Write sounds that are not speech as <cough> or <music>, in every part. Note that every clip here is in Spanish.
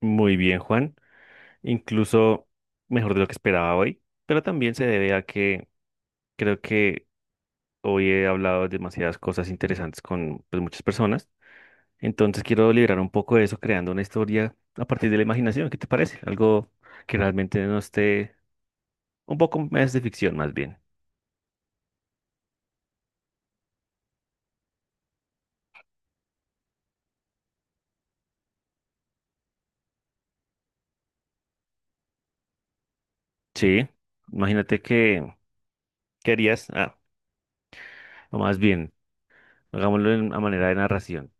Muy bien, Juan. Incluso mejor de lo que esperaba hoy, pero también se debe a que creo que hoy he hablado demasiadas cosas interesantes con pues, muchas personas. Entonces quiero liberar un poco de eso creando una historia a partir de la imaginación. ¿Qué te parece? Algo que realmente no esté, un poco más de ficción, más bien. Sí, imagínate que querías, o más bien, a manera de narración.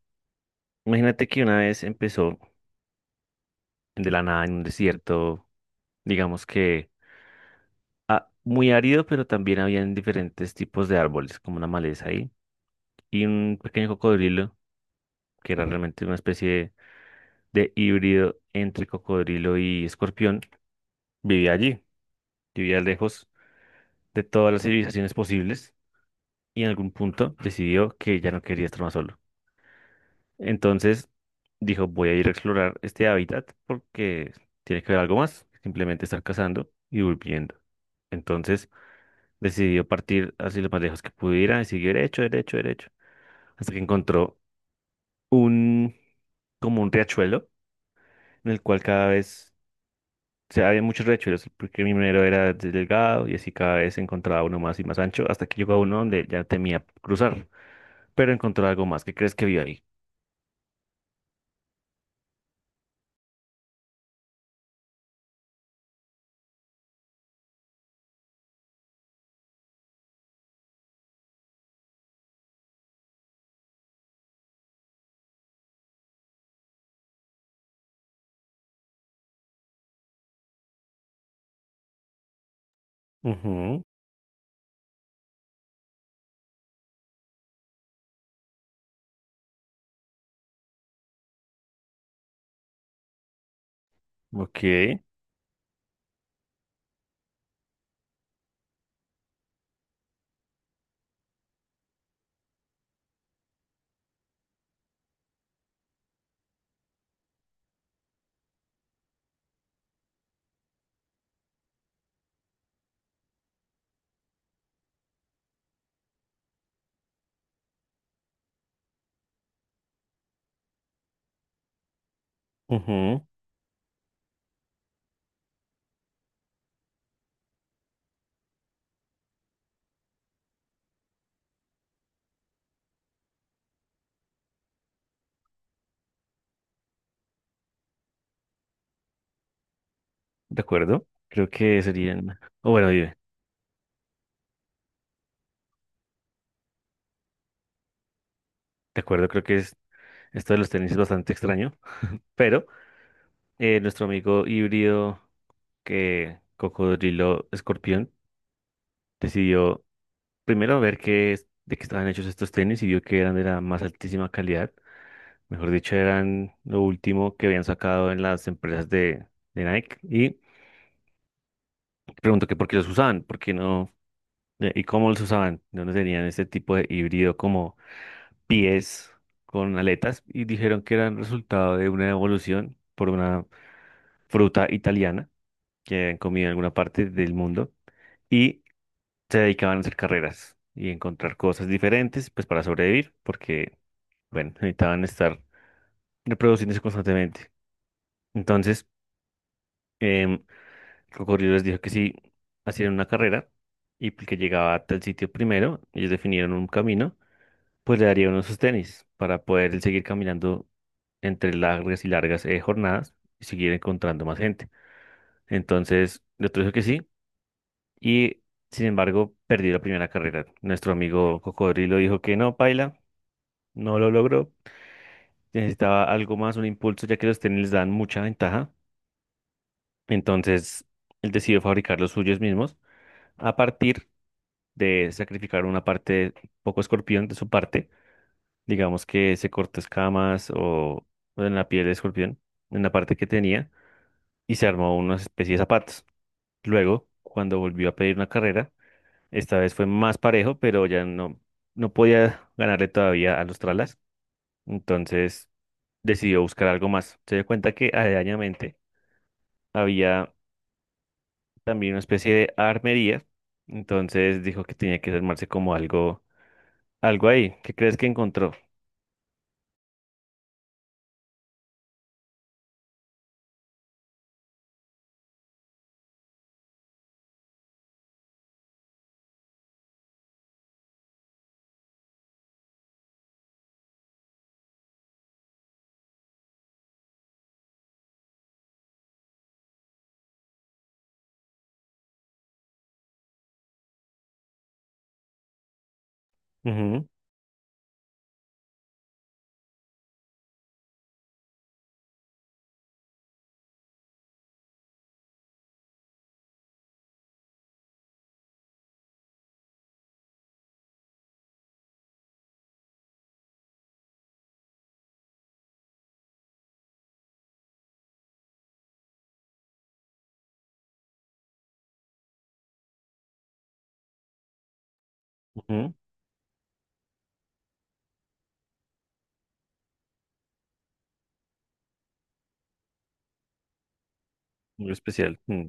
Imagínate que una vez empezó de la nada en un desierto, digamos que muy árido, pero también habían diferentes tipos de árboles, como una maleza ahí, y un pequeño cocodrilo, que era realmente una especie de híbrido entre cocodrilo y escorpión, vivía allí, vivía lejos de todas las civilizaciones posibles, y en algún punto decidió que ya no quería estar más solo. Entonces dijo, voy a ir a explorar este hábitat porque tiene que haber algo más que simplemente estar cazando y volviendo. Entonces decidió partir así lo más lejos que pudiera y siguió derecho, derecho, derecho hasta que encontró un, como un riachuelo, en el cual cada vez, o sea, había muchos riachuelos, porque mi primero era delgado y así cada vez encontraba uno más y más ancho, hasta que llegó a uno donde ya temía cruzar, pero encontró algo más. ¿Qué crees que vio ahí? Ujú, ok, ujú, de acuerdo. Creo que serían, o bueno, dime, de acuerdo, creo que es, esto de los tenis es bastante extraño, pero nuestro amigo híbrido que Cocodrilo Escorpión decidió primero ver de qué estaban hechos estos tenis, y vio que eran de la más altísima calidad. Mejor dicho, eran lo último que habían sacado en las empresas de Nike. Y preguntó que por qué los usaban, por qué no, y cómo los usaban, no dónde tenían este tipo de híbrido como pies con aletas. Y dijeron que eran resultado de una evolución por una fruta italiana que habían comido en alguna parte del mundo. Y se dedicaban a hacer carreras y encontrar cosas diferentes, pues para sobrevivir, porque bueno, necesitaban estar reproduciéndose constantemente. Entonces, em, el cocodrilo les dijo que si hacían una carrera y el que llegaba a tal sitio primero, ellos definieron un camino, pues le daría uno de sus tenis para poder seguir caminando entre largas y largas jornadas y seguir encontrando más gente. Entonces, el otro dijo que sí y, sin embargo, perdió la primera carrera. Nuestro amigo cocodrilo dijo que no, paila, no lo logró. Necesitaba algo más, un impulso, ya que los tenis les dan mucha ventaja. Entonces, él decidió fabricar los suyos mismos a partir de sacrificar una parte, poco escorpión de su parte, digamos que se cortó escamas o en la piel de escorpión, en la parte que tenía, y se armó una especie de zapatos. Luego, cuando volvió a pedir una carrera, esta vez fue más parejo, pero ya no, no podía ganarle todavía a los tralas, entonces decidió buscar algo más. Se dio cuenta que aledañamente había también una especie de armería. Entonces dijo que tenía que armarse como algo, algo ahí. ¿Qué crees que encontró? Ujú, ujú, muy especial. Mm,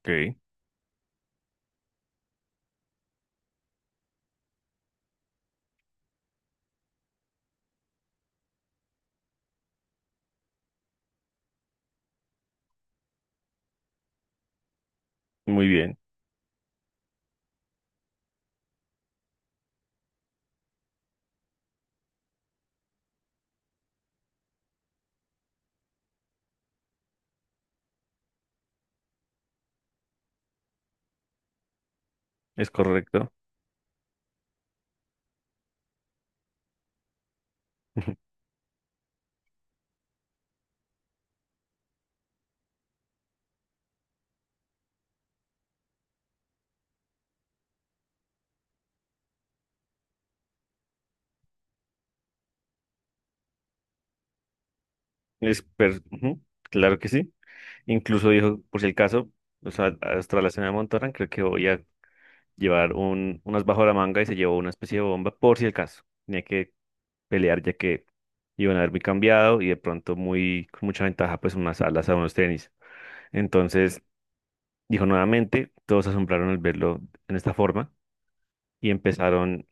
ok, muy bien, es correcto. <laughs> Ujú, claro que sí. Incluso dijo, por si el caso, o sea, hasta la cena de Montorán, creo que voy a llevar un, unas bajo la manga, y se llevó una especie de bomba, por si el caso. Tenía que pelear ya que iban a haber muy cambiado y de pronto muy, con mucha ventaja, pues unas alas a unos tenis. Entonces, dijo nuevamente, todos se asombraron al verlo en esta forma y empezaron,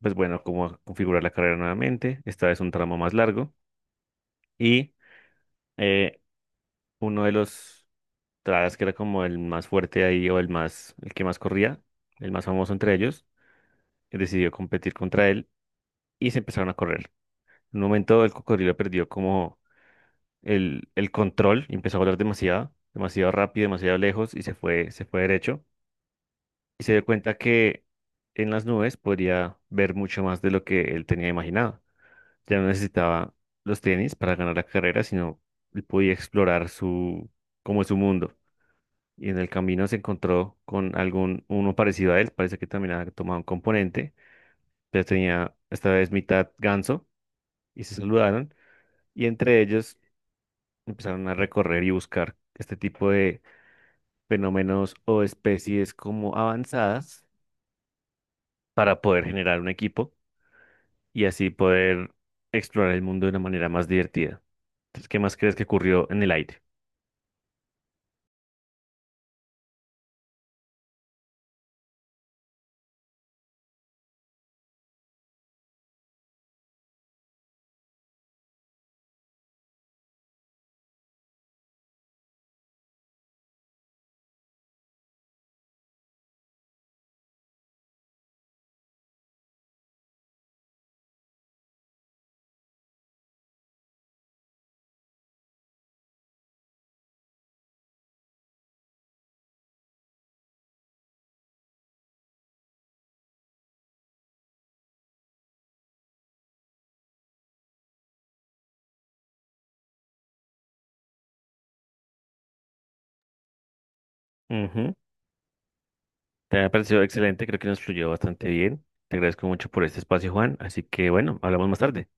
pues bueno, como a configurar la carrera nuevamente. Esta vez un tramo más largo y eh, uno de los tras que era como el más fuerte ahí o el más, el que más corría, el más famoso entre ellos, decidió competir contra él y se empezaron a correr. En un momento el cocodrilo perdió como el control y empezó a volar demasiado, demasiado rápido, demasiado lejos y se fue derecho. Y se dio cuenta que en las nubes podría ver mucho más de lo que él tenía imaginado. Ya no necesitaba los tenis para ganar la carrera, sino él podía explorar su, como es su mundo. Y en el camino se encontró con algún uno parecido a él, parece que también había tomado un componente, pero tenía esta vez mitad ganso, y se saludaron, y entre ellos empezaron a recorrer y buscar este tipo de fenómenos o especies como avanzadas para poder generar un equipo y así poder explorar el mundo de una manera más divertida. Entonces, ¿qué más crees que ocurrió en el aire? Ujú. Te ha parecido excelente, creo que nos fluyó bastante bien. Te agradezco mucho por este espacio, Juan. Así que bueno, hablamos más tarde.